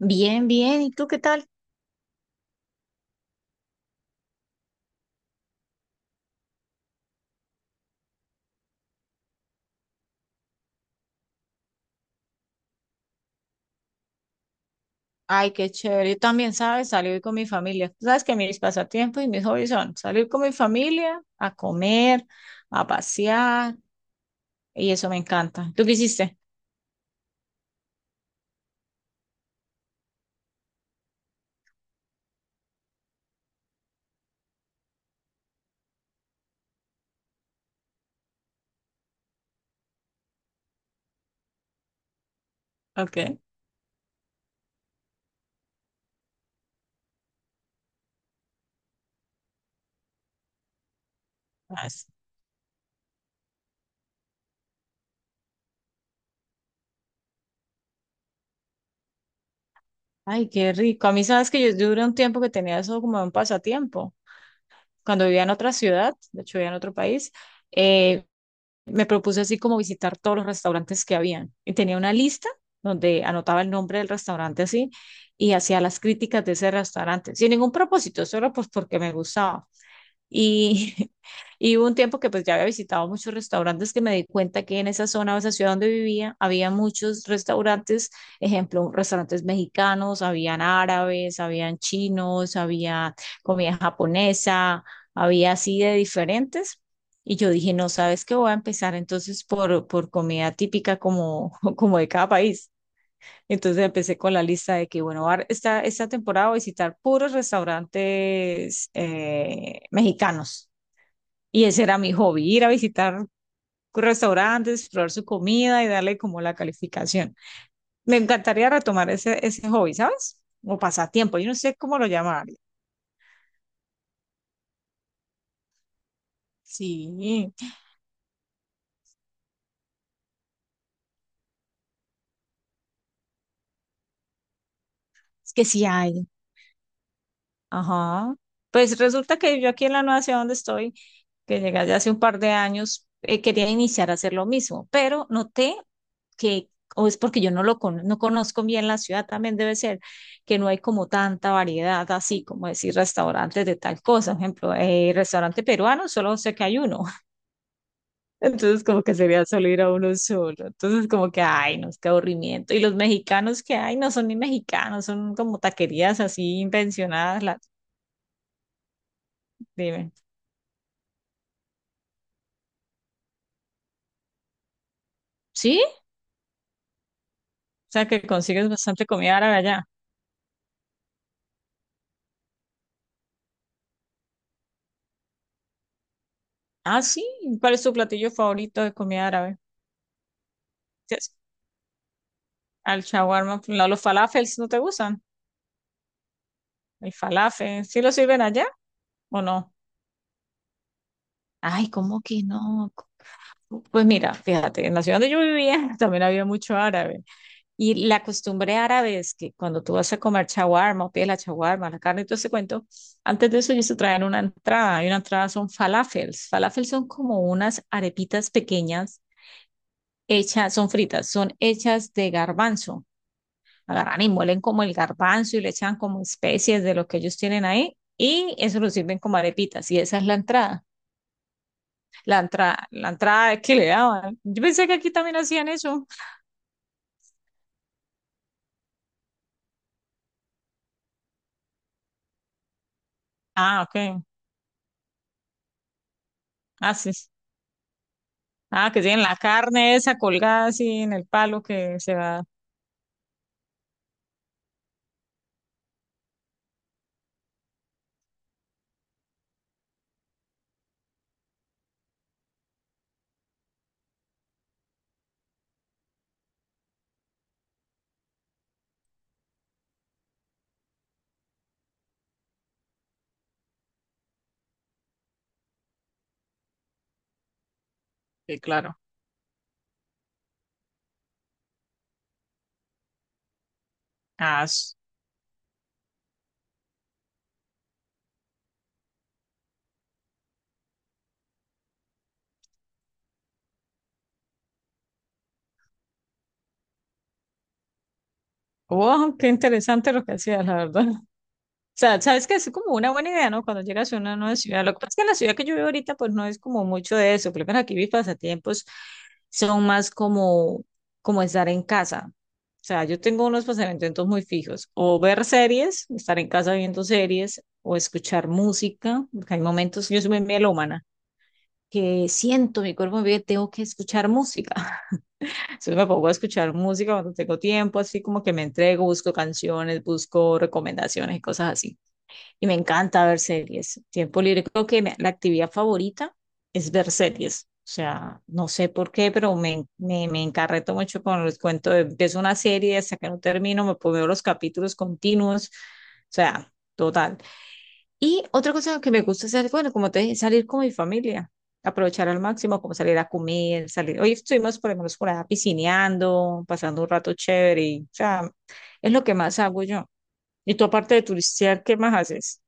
Bien, bien. ¿Y tú qué tal? Ay, qué chévere. Yo también, ¿sabes? Salir con mi familia. Tú sabes que mis pasatiempos y mis hobbies son salir con mi familia, a comer, a pasear, y eso me encanta. ¿Tú qué hiciste? Ok. Ah, sí. Ay, qué rico. A mí, ¿sabes que yo duré un tiempo que tenía eso como un pasatiempo? Cuando vivía en otra ciudad, de hecho vivía en otro país, eh, me propuse así como visitar todos los restaurantes que habían. Y tenía una lista donde anotaba el nombre del restaurante así y hacía las críticas de ese restaurante, sin ningún propósito, solo pues porque me gustaba. Y, Y hubo un tiempo que pues ya había visitado muchos restaurantes que me di cuenta que en esa zona, o esa ciudad donde vivía, había muchos restaurantes, ejemplo, restaurantes mexicanos, habían árabes, habían chinos, había comida japonesa, había así de diferentes. Y yo dije, no, ¿sabes qué? Voy a empezar entonces por comida típica como como de cada país. Entonces empecé con la lista de que, bueno, ahora esta temporada voy a visitar puros restaurantes mexicanos. Y ese era mi hobby, ir a visitar restaurantes, probar su comida y darle como la calificación. Me encantaría retomar ese hobby, ¿sabes? O pasatiempo, yo no sé cómo lo llamaría. Sí, es que sí hay. Ajá. Pues resulta que yo aquí en la nueva ciudad donde estoy, que llegué ya hace un par de años, quería iniciar a hacer lo mismo, pero noté que, o es porque yo no conozco bien la ciudad, también debe ser que no hay como tanta variedad, así como decir restaurantes de tal cosa. Por ejemplo, restaurante peruano, solo sé que hay uno. Entonces, como que sería solo ir a uno solo. Entonces, como que, ay, no, qué aburrimiento. Y los mexicanos que hay no son ni mexicanos, son como taquerías así invencionadas. La, dime. ¿Sí? O sea que consigues bastante comida árabe allá. Ah, sí. ¿Cuál es tu platillo favorito de comida árabe? ¿Qué es? Al shawarma, no, los falafels no te gustan. El falafel, ¿sí lo sirven allá o no? Ay, ¿cómo que no? Pues mira, fíjate, en la ciudad donde yo vivía también había mucho árabe. Y la costumbre árabe es que cuando tú vas a comer shawarma, o pides la shawarma, la carne y todo ese cuento, antes de eso ellos te traen una entrada. Y una entrada son falafels. Falafels son como unas arepitas pequeñas hechas, son fritas, son hechas de garbanzo. Agarran y muelen como el garbanzo y le echan como especies de lo que ellos tienen ahí y eso lo sirven como arepitas y esa es la entrada. La entrada que le daban. Yo pensé que aquí también hacían eso. Ah, ok. Ah, sí. Ah, que tienen la carne esa colgada así en el palo que se va. Sí, claro. Ah, s- oh, qué interesante lo que hacías, la verdad. Sea, sabes que es como una buena idea, ¿no? Cuando llegas a una nueva ciudad. Lo que pasa es que en la ciudad que yo vivo ahorita, pues no es como mucho de eso. Creo que aquí mis pasatiempos son más como, como estar en casa. O sea, yo tengo unos pasatiempos muy fijos. O ver series, estar en casa viendo series, o escuchar música, porque hay momentos, yo soy muy melómana, que siento mi cuerpo, me pide, tengo que escuchar música. Entonces me pongo a escuchar música cuando tengo tiempo, así como que me entrego, busco canciones, busco recomendaciones y cosas así y me encanta ver series. Tiempo libre, creo que la actividad favorita es ver series. O sea, no sé por qué, pero me encarreto mucho con los cuentos. Empiezo una serie, hasta que no termino, me pongo los capítulos continuos. O sea, total. Y otra cosa que me gusta hacer, bueno, como te dije, salir con mi familia. Aprovechar al máximo, como salir a comer, salir. Hoy estuvimos por lo menos por allá piscineando, pasando un rato chévere. Y, o sea, es lo que más hago yo. Y tú, aparte de turistear, ¿qué más haces?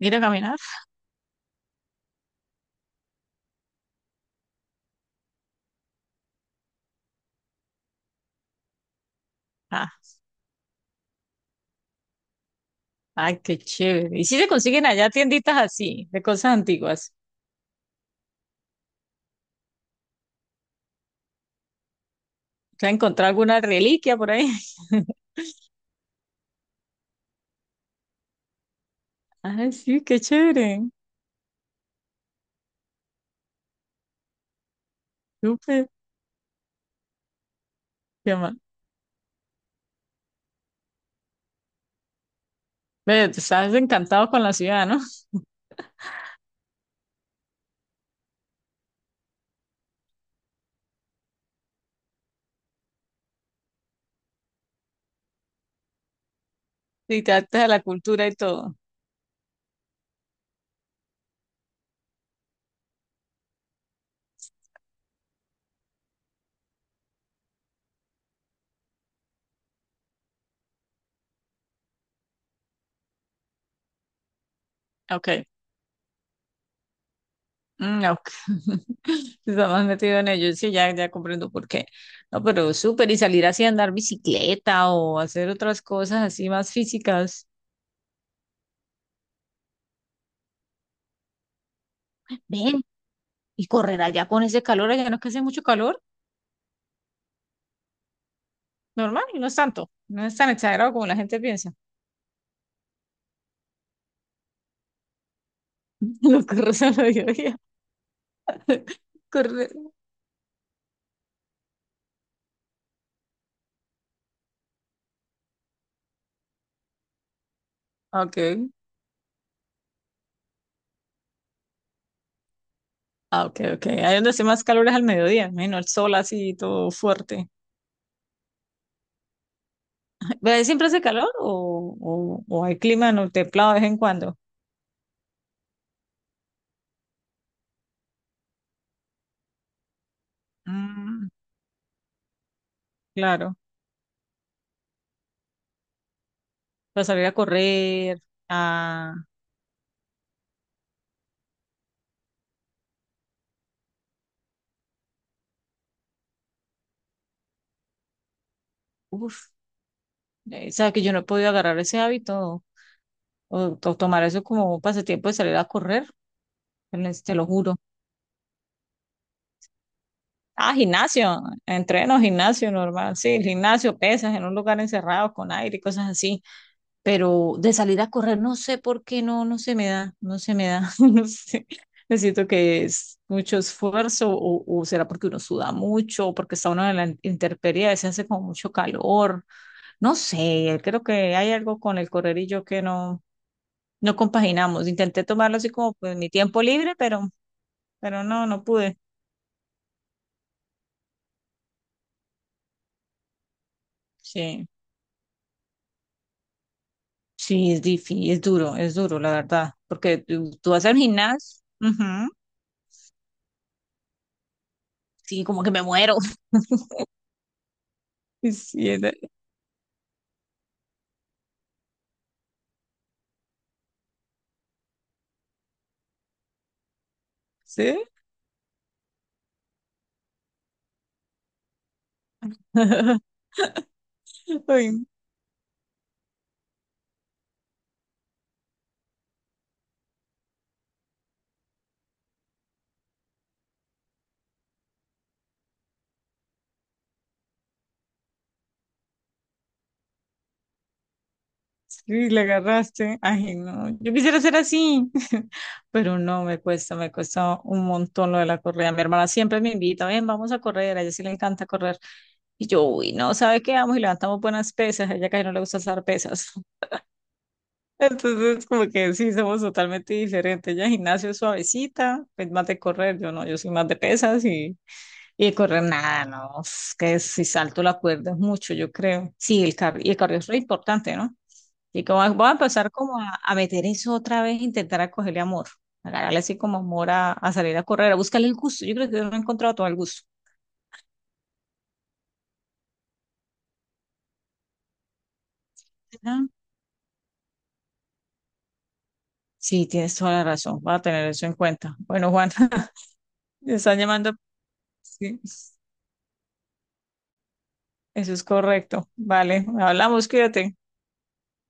Ir a caminar. Ah, ay, qué chévere. ¿Y si se consiguen allá tienditas así, de cosas antiguas? ¿Se ha encontrado alguna reliquia por ahí? Ay, sí, qué chévere. Súper. Qué mal. Ve, te estás encantado con la ciudad, ¿no? Y te adaptas a la cultura y todo. Ok. Ok. Estás más metido en ello. Sí, ya, ya comprendo por qué. No, pero súper. Y salir así a andar bicicleta o hacer otras cosas así más físicas. Ven, y correr allá con ese calor. Allá no es que hace mucho calor. Normal, y no es tanto, no es tan exagerado como la gente piensa. Los correos al mediodía. Corre... Ok, ah, ok, ok. Ahí donde hace más calor es al mediodía, menos el sol así todo fuerte. ¿Pero siempre hace calor o hay clima no templado de vez en cuando? Mm, claro, para salir a correr, a... Uf, sabes que yo no he podido agarrar ese hábito o tomar eso como un pasatiempo de salir a correr, te lo juro. Ah, gimnasio, entreno, gimnasio normal, sí, el gimnasio, pesas en un lugar encerrado con aire y cosas así, pero de salir a correr no sé por qué no, no se me da, no sé, necesito que es mucho esfuerzo o será porque uno suda mucho o porque está uno en la intemperie, a veces hace como mucho calor, no sé, creo que hay algo con el correr y yo que no, no compaginamos, intenté tomarlo así como pues mi tiempo libre, pero no, no pude, sí. Sí, es difícil, es duro, la verdad, porque tú vas al gimnasio, ujú. Sí, como que me muero. Sí, era- ¿Sí? Ay, sí, le agarraste. Ay, no, yo quisiera ser así, pero no, me cuesta un montón lo de la correa. Mi hermana siempre me invita, ven, vamos a correr, a ella sí le encanta correr. Y yo, uy, no, ¿sabe qué? Vamos y levantamos buenas pesas, a ella casi no le gusta hacer pesas. Entonces, como que sí, somos totalmente diferentes. Ella gimnasio es suavecita, es más de correr, yo no, yo soy más de pesas y de correr nada, no, es que si salto la cuerda es mucho, yo creo. Sí, el cardio, y el cardio es re importante, ¿no? Y como voy a empezar como a meter eso otra vez, intentar a cogerle amor, agarrarle así como amor a salir a correr, a buscarle el gusto. Yo creo que yo no he encontrado todo el gusto. Ajá. Sí, tienes toda la razón, voy a tener eso en cuenta. Bueno, Juan, me están llamando. Sí. Eso es correcto. Vale, hablamos, cuídate.